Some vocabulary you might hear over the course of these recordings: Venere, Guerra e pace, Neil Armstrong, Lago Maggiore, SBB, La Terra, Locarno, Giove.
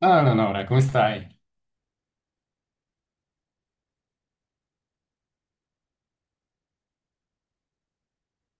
Ah, no, no, no, ora, come stai?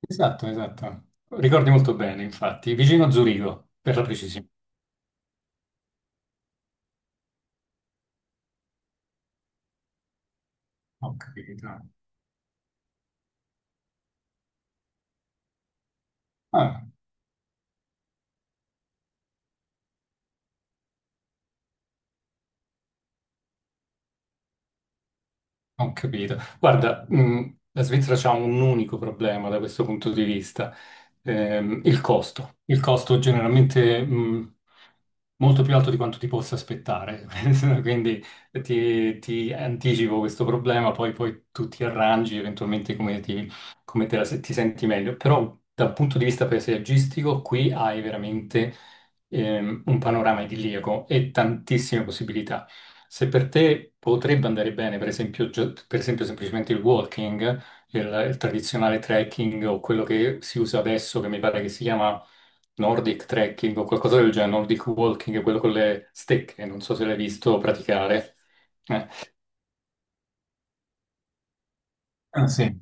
Esatto, esatto. Ricordi molto bene, infatti. Vicino a Zurigo, per la precisione. Ho capito. Ah, ho capito. Guarda, la Svizzera ha un unico problema da questo punto di vista, il costo. Il costo generalmente molto più alto di quanto ti possa aspettare. Quindi ti anticipo questo problema, poi tu ti arrangi eventualmente come ti, come te la se- ti senti meglio. Però dal punto di vista paesaggistico qui hai veramente un panorama idilliaco e tantissime possibilità. Se per te potrebbe andare bene, per esempio, per esempio semplicemente il walking, il tradizionale trekking o quello che si usa adesso, che mi pare che si chiama Nordic trekking o qualcosa del genere, Nordic walking, quello con le stecche, non so se l'hai visto praticare. Eh, sì,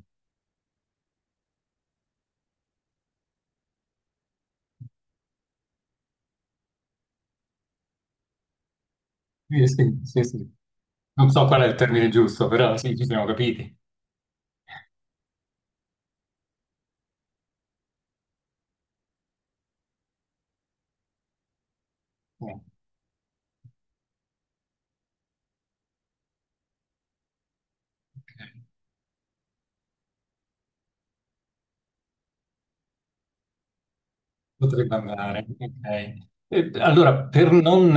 sì, sì, sì. Non so qual è il termine giusto, però sì, ci siamo capiti. Eh. Ok. Potrebbe andare, ok. E allora, per non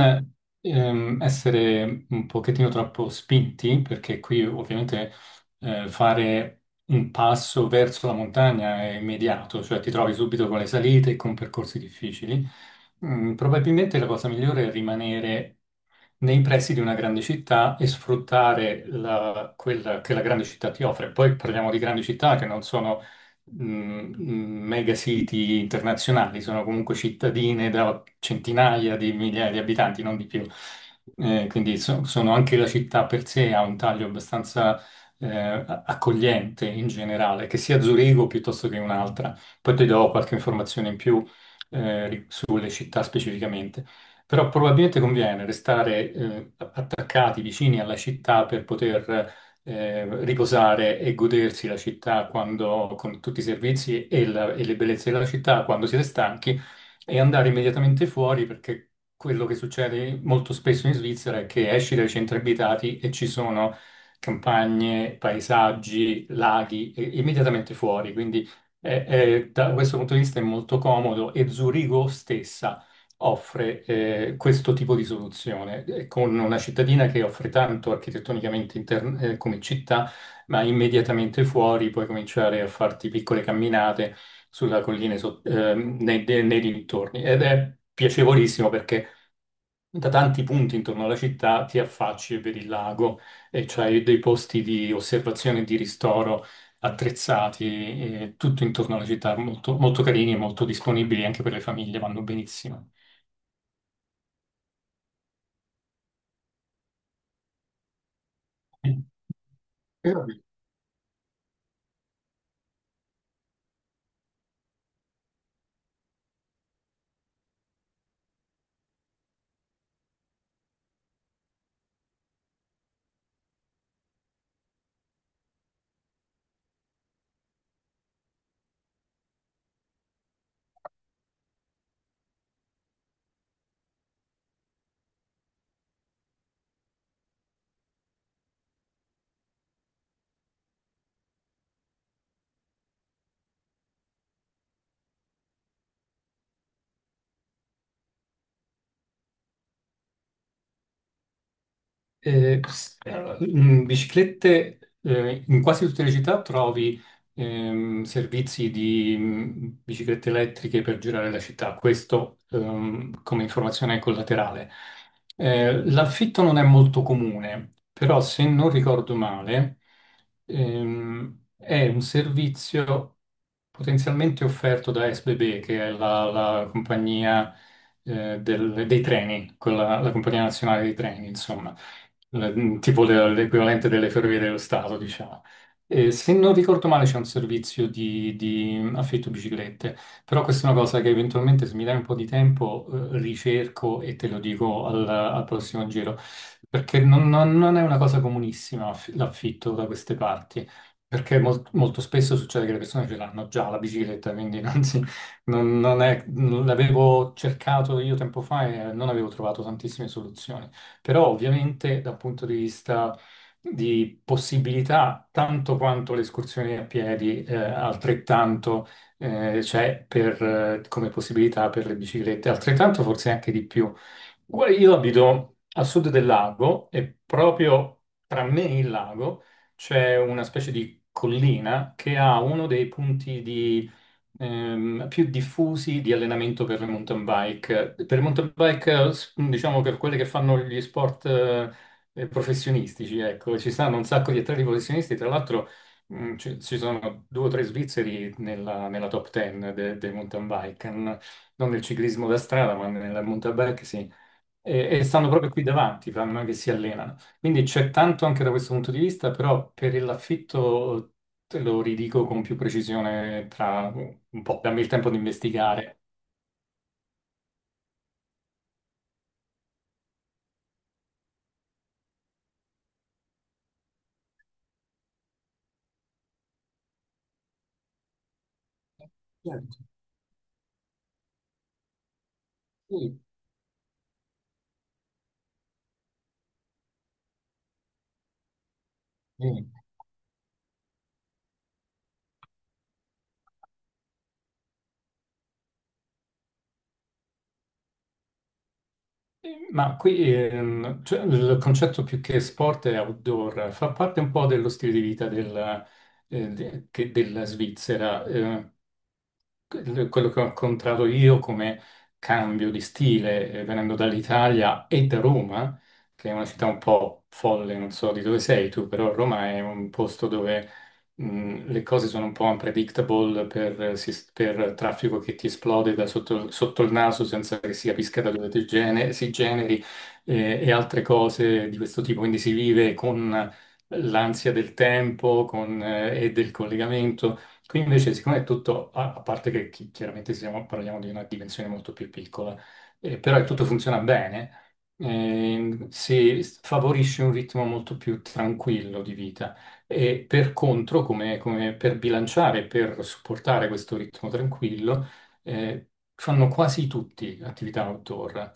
essere un pochettino troppo spinti, perché qui ovviamente fare un passo verso la montagna è immediato, cioè ti trovi subito con le salite e con percorsi difficili, mm, probabilmente la cosa migliore è rimanere nei pressi di una grande città e sfruttare quella che la grande città ti offre. Poi parliamo di grandi città che non sono mh, mega city internazionali, sono comunque cittadine da centinaia di migliaia di abitanti, non di più. Quindi sono anche la città per sé ha un taglio abbastanza eh, accogliente in generale, che sia Zurigo piuttosto che un'altra. Poi ti do qualche informazione in più sulle città specificamente. Però probabilmente conviene restare attaccati vicini alla città per poter riposare e godersi la città quando, con tutti i servizi e, e le bellezze della città quando siete stanchi e andare immediatamente fuori perché quello che succede molto spesso in Svizzera è che esci dai centri abitati e ci sono campagne, paesaggi, laghi immediatamente fuori, quindi da questo punto di vista è molto comodo e Zurigo stessa offre questo tipo di soluzione, con una cittadina che offre tanto architettonicamente come città, ma immediatamente fuori puoi cominciare a farti piccole camminate sulla collina nei dintorni ed è piacevolissimo perché da tanti punti intorno alla città ti affacci e vedi il lago e c'hai dei posti di osservazione e di ristoro attrezzati, tutto intorno alla città, molto, molto carini e molto disponibili anche per le famiglie, vanno benissimo. Era allora, mm, biciclette, in quasi tutte le città trovi servizi di biciclette elettriche per girare la città, questo come informazione collaterale. L'affitto non è molto comune, però se non ricordo male, è un servizio potenzialmente offerto da SBB, che è la compagnia dei treni, quella, la compagnia nazionale dei treni, insomma tipo l'equivalente delle ferrovie dello Stato, diciamo. E se non ricordo male c'è un servizio di affitto biciclette, però questa è una cosa che eventualmente se mi dai un po' di tempo ricerco e te lo dico al prossimo giro, perché non è una cosa comunissima l'affitto da queste parti, perché molto spesso succede che le persone ce l'hanno già la bicicletta, quindi non, si, non l'avevo cercato io tempo fa e non avevo trovato tantissime soluzioni. Però ovviamente dal punto di vista di possibilità, tanto quanto le escursioni a piedi, altrettanto c'è per, come possibilità per le biciclette, altrettanto forse anche di più. Guarda, io abito a sud del lago e proprio tra me e il lago c'è una specie di collina che ha uno dei punti più diffusi di allenamento per le mountain bike. Per le mountain bike, diciamo per quelle che fanno gli sport professionistici, ecco, ci stanno un sacco di atleti professionisti, tra l'altro ci sono due o tre svizzeri nella top ten dei mountain bike, non nel ciclismo da strada, ma nella mountain bike sì e stanno proprio qui davanti, fanno non è che si allenano. Quindi c'è tanto anche da questo punto di vista, però per l'affitto te lo ridico con più precisione tra un po', dammi il tempo di investigare. Certo. Sì, sì. Ma qui cioè, il concetto più che sport è outdoor, fa parte un po' dello stile di vita della Svizzera. Quello che ho incontrato io come cambio di stile, venendo dall'Italia e da Roma, che è una città un po' folle, non so di dove sei tu, però Roma è un posto dove le cose sono un po' unpredictable per traffico che ti esplode da sotto, sotto il naso senza che si capisca da dove si generi e altre cose di questo tipo. Quindi si vive con l'ansia del tempo con, e del collegamento. Qui invece, siccome è tutto, a parte che chiaramente parliamo di una dimensione molto più piccola, però è tutto funziona bene, si favorisce un ritmo molto più tranquillo di vita. E per contro, come, come per bilanciare, per supportare questo ritmo tranquillo, eh, fanno quasi tutti attività outdoor.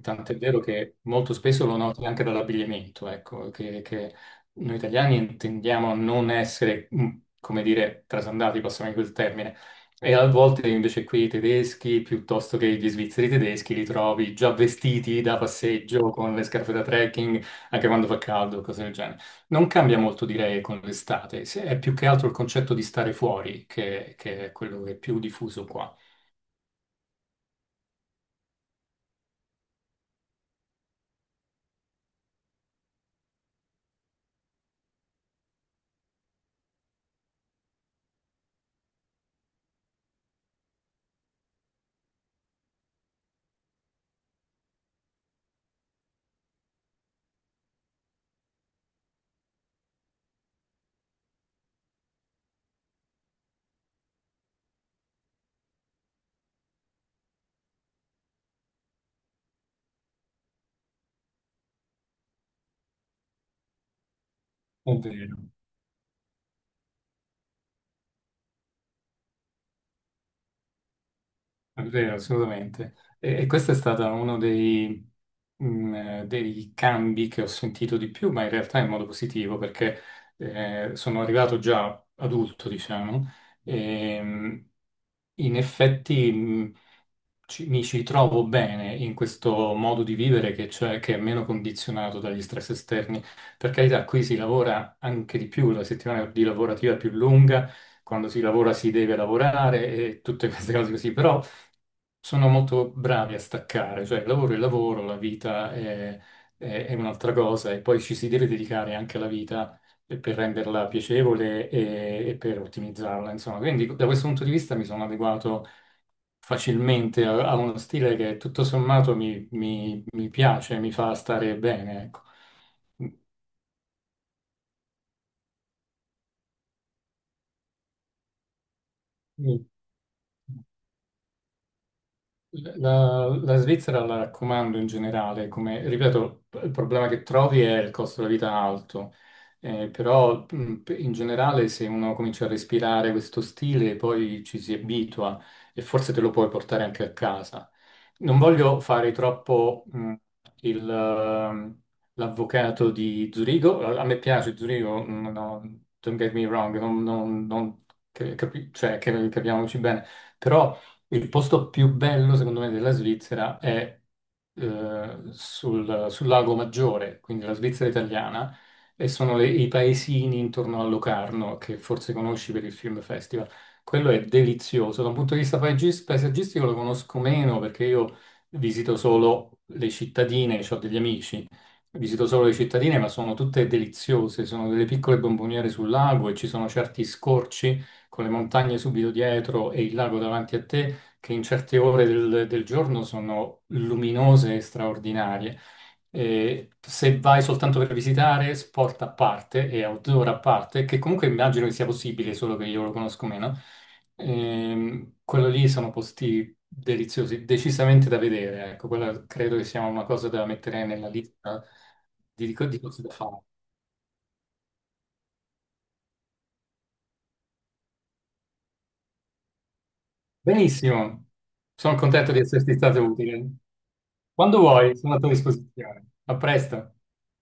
Tant'è vero che molto spesso lo noti anche dall'abbigliamento, ecco, che noi italiani tendiamo a non essere, mm, come dire, trasandati, passami quel termine. E a volte invece qui i tedeschi, piuttosto che gli svizzeri tedeschi, li trovi già vestiti da passeggio con le scarpe da trekking, anche quando fa caldo, cose del genere. Non cambia molto, direi, con l'estate. È più che altro il concetto di stare fuori che è quello che è più diffuso qua. È vero, è vero, assolutamente. E questo è stato uno dei, dei cambi che ho sentito di più, ma in realtà in modo positivo, perché sono arrivato già adulto, diciamo, e in effetti mm, mi ci trovo bene in questo modo di vivere che, cioè, che è meno condizionato dagli stress esterni. Per carità, qui si lavora anche di più, la settimana di lavorativa è più lunga, quando si lavora si deve lavorare e tutte queste cose così, però sono molto bravi a staccare, cioè il lavoro è il lavoro, la vita è, è un'altra cosa e poi ci si deve dedicare anche alla vita per renderla piacevole e per ottimizzarla, insomma. Quindi da questo punto di vista mi sono adeguato facilmente, ha ha uno stile che tutto sommato mi piace, mi fa stare bene, ecco. Mm. La Svizzera la raccomando in generale, come ripeto, il problema che trovi è il costo della vita alto, però in generale se uno comincia a respirare questo stile poi ci si abitua e forse te lo puoi portare anche a casa. Non voglio fare troppo il, ehm, l'avvocato di Zurigo, a me piace Zurigo, no, no, don't get me wrong, cioè, che capiamoci bene. Però il posto più bello, secondo me, della Svizzera è sul Lago Maggiore, quindi la Svizzera italiana, e sono i paesini intorno a Locarno, che forse conosci per il Film Festival. Quello è delizioso. Da un punto di vista paesaggistico lo conosco meno perché io visito solo le cittadine, ho degli amici, visito solo le cittadine, ma sono tutte deliziose. Sono delle piccole bomboniere sul lago e ci sono certi scorci con le montagne subito dietro e il lago davanti a te che in certe ore del giorno sono luminose e straordinarie. E se vai soltanto per visitare, sport a parte e outdoor a parte, che comunque immagino che sia possibile, solo che io lo conosco meno, quello lì sono posti deliziosi, decisamente da vedere. Ecco, quella credo che sia una cosa da mettere nella lista di cose da fare. Benissimo, sono contento di esserti stato utile. Quando vuoi, sono a tua disposizione. A presto.